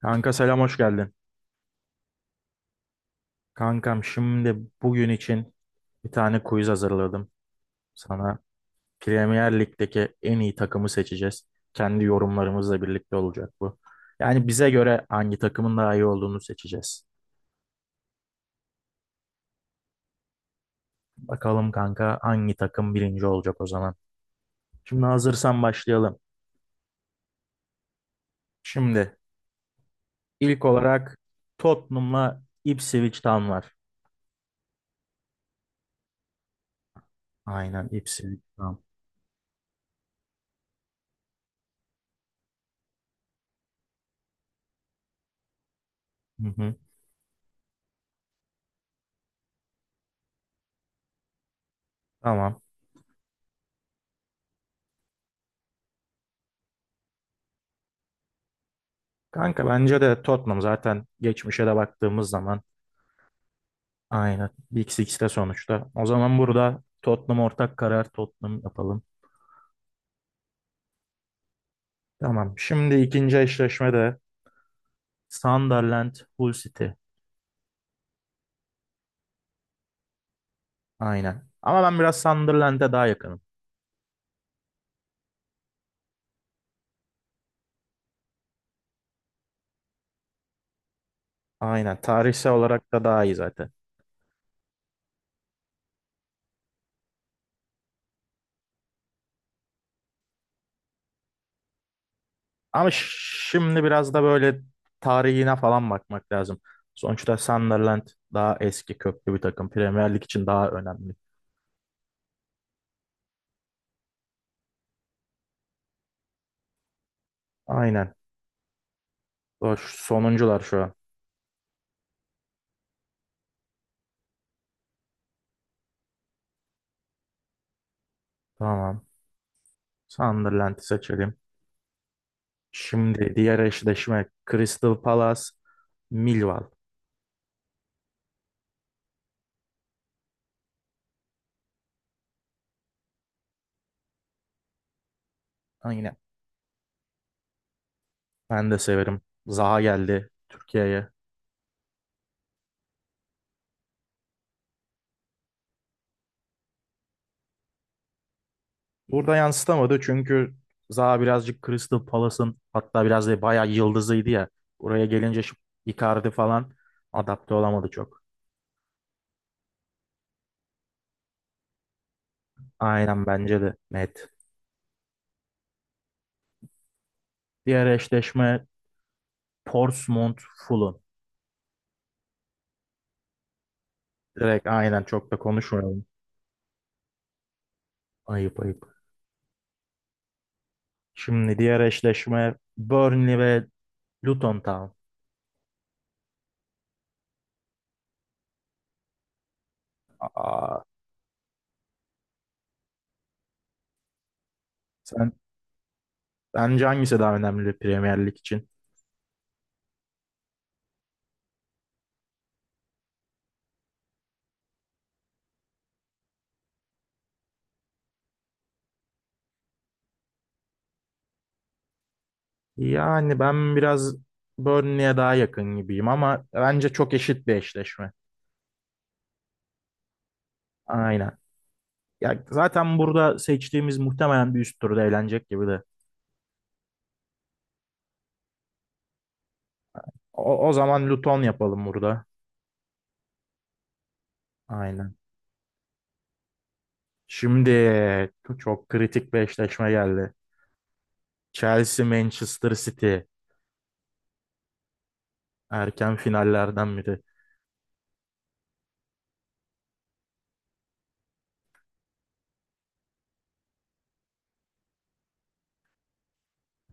Kanka selam hoş geldin. Kankam şimdi bugün için bir tane quiz hazırladım. Sana Premier Lig'deki en iyi takımı seçeceğiz. Kendi yorumlarımızla birlikte olacak bu. Yani bize göre hangi takımın daha iyi olduğunu seçeceğiz. Bakalım kanka hangi takım birinci olacak o zaman. Şimdi hazırsan başlayalım. Şimdi ilk olarak Tottenham'la Ipswich Town var. Aynen Ipswich Town. Hı hı. Tamam. Kanka bence de Tottenham zaten geçmişe de baktığımız zaman aynen, iki 2de sonuçta. O zaman burada Tottenham, ortak karar Tottenham yapalım. Tamam. Şimdi ikinci eşleşmede Sunderland Hull City. Aynen. Ama ben biraz Sunderland'e daha yakınım. Aynen. Tarihsel olarak da daha iyi zaten. Ama şimdi biraz da böyle tarihine falan bakmak lazım. Sonuçta Sunderland daha eski köklü bir takım. Premier Lig için daha önemli. Aynen. Boş sonuncular şu an. Tamam. Sunderland'i seçelim. Şimdi diğer eşleşme Crystal Palace, Millwall. Ha, yine ben de severim. Zaha geldi Türkiye'ye. Burada yansıtamadı çünkü Zaha birazcık Crystal Palace'ın, hatta biraz da bayağı yıldızıydı ya. Oraya gelince şu Icardi falan adapte olamadı çok. Aynen, bence de net. Diğer eşleşme Portsmouth Fulham. Direkt aynen, çok da konuşmayalım. Ayıp ayıp. Şimdi diğer eşleşme Burnley ve Luton Town. Aa, sen, bence hangisi daha önemli Premier Lig için? Yani ben biraz Burnley'e daha yakın gibiyim ama bence çok eşit bir eşleşme. Aynen. Ya zaten burada seçtiğimiz muhtemelen bir üst turda eğlenecek gibi de. O zaman Luton yapalım burada. Aynen. Şimdi çok kritik bir eşleşme geldi. Chelsea Manchester City, erken finallerden biri.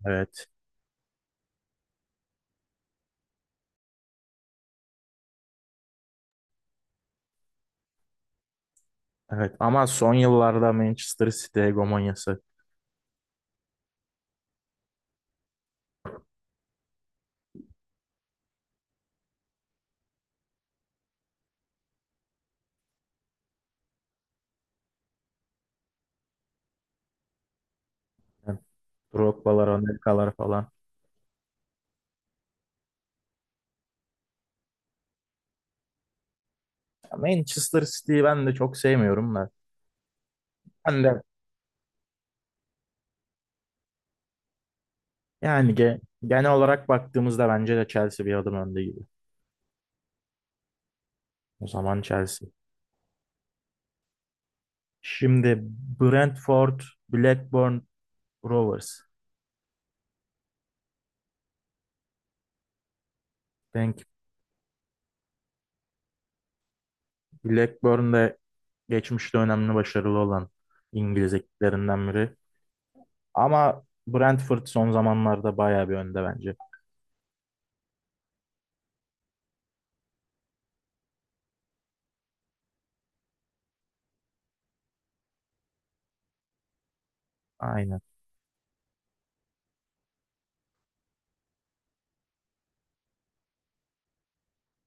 Evet. Evet, ama son yıllarda Manchester City hegemonyası. Yani Drogba'lar, Anelka'lar falan. Ya Manchester City'yi ben de çok sevmiyorum da. Ben de yani genel olarak baktığımızda bence de Chelsea bir adım önde gibi. O zaman Chelsea. Şimdi Brentford, Blackburn, Rovers. Denk. Blackburn de geçmişte önemli, başarılı olan İngiliz ekiplerinden biri. Ama Brentford son zamanlarda bayağı bir önde bence. Aynen.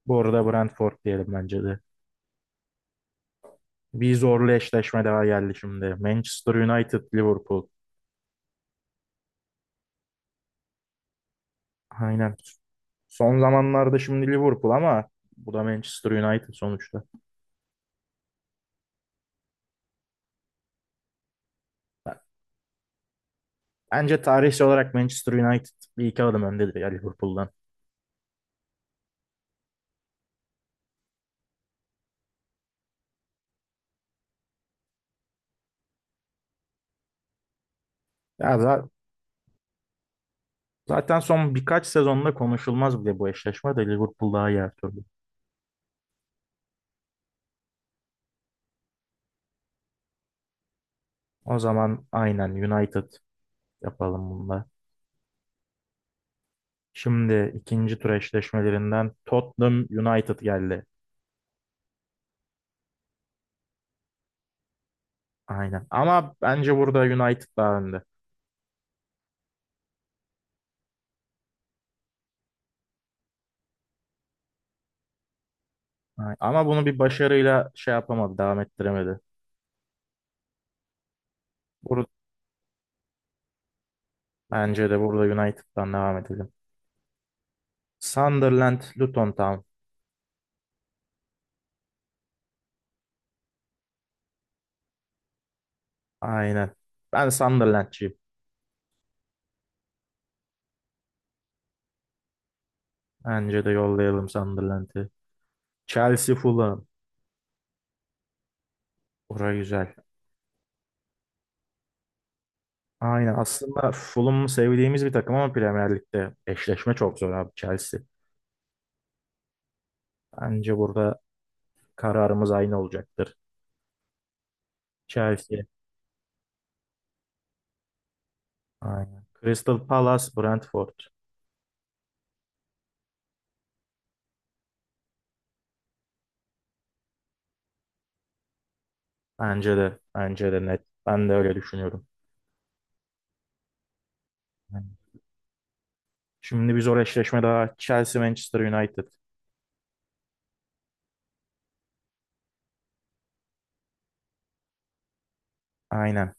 Bu arada Brentford diyelim, bence de. Bir zorlu eşleşme daha geldi şimdi. Manchester United, Liverpool. Aynen. Son zamanlarda şimdi Liverpool, ama bu da Manchester United sonuçta. Bence tarihsel olarak Manchester United bir iki adım öndedir ya Liverpool'dan. Ya za- zaten son birkaç sezonda konuşulmaz bile, bu eşleşme de Liverpool daha iyi her türlü. O zaman aynen United yapalım bunda. Şimdi ikinci tur eşleşmelerinden Tottenham United geldi. Aynen. Ama bence burada United daha önde. Ama bunu bir başarıyla şey yapamadı, devam ettiremedi. Burada, bence de burada United'dan devam edelim. Sunderland, Luton Town. Aynen. Ben Sunderland'cıyım. Bence de yollayalım Sunderland'i. Chelsea, Fulham. Bura güzel. Aynen. Aslında Fulham'ı sevdiğimiz bir takım ama Premier Lig'de eşleşme çok zor abi Chelsea. Bence burada kararımız aynı olacaktır. Chelsea. Aynen. Crystal Palace, Brentford. Bence de. Bence de net. Ben de öyle düşünüyorum. Aynen. Şimdi bir zor eşleşme daha. Chelsea, Manchester United. Aynen.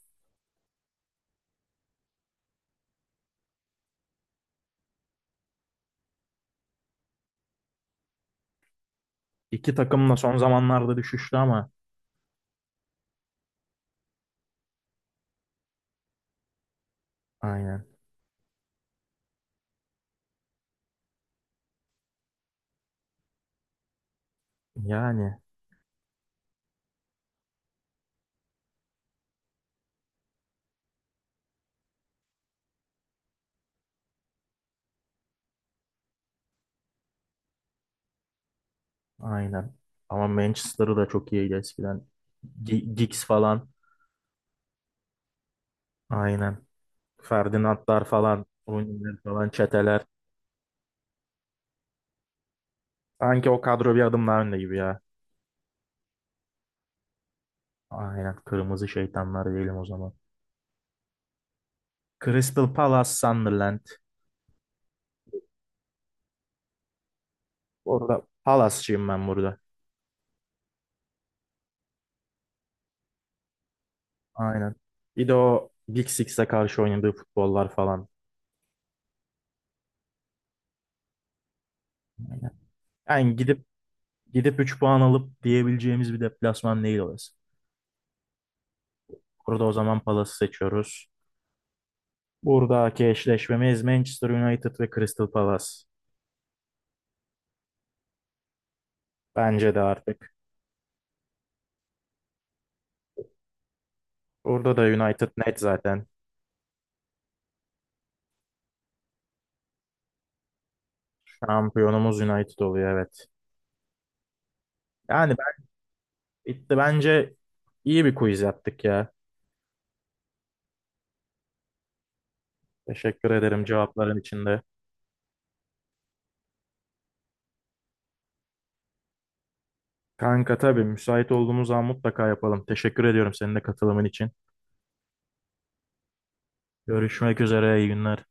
İki takım da son zamanlarda düşüştü ama aynen. Yani aynen. Ama Manchester'ı da çok iyiydi eskiden. Giggs falan. Aynen. Ferdinandlar falan. Rooney'ler falan. Çeteler. Sanki o kadro bir adım daha önde gibi ya. Aynen. Kırmızı şeytanlar diyelim o zaman. Crystal Palace, Sunderland. Orada Palace'çıyım ben burada. Aynen. Bir de o Big Six'e karşı oynadığı futbollar falan. Aynen. Yani gidip 3 puan alıp diyebileceğimiz bir deplasman değil orası. Burada o zaman Palace'ı seçiyoruz. Buradaki eşleşmemiz Manchester United ve Crystal Palace. Bence de artık. Burada da United net zaten. Şampiyonumuz United oluyor, evet. Yani ben, bitti. Bence iyi bir quiz yaptık ya. Teşekkür ederim cevapların içinde. Kanka tabii müsait olduğumuz zaman mutlaka yapalım. Teşekkür ediyorum senin de katılımın için. Görüşmek üzere, iyi günler.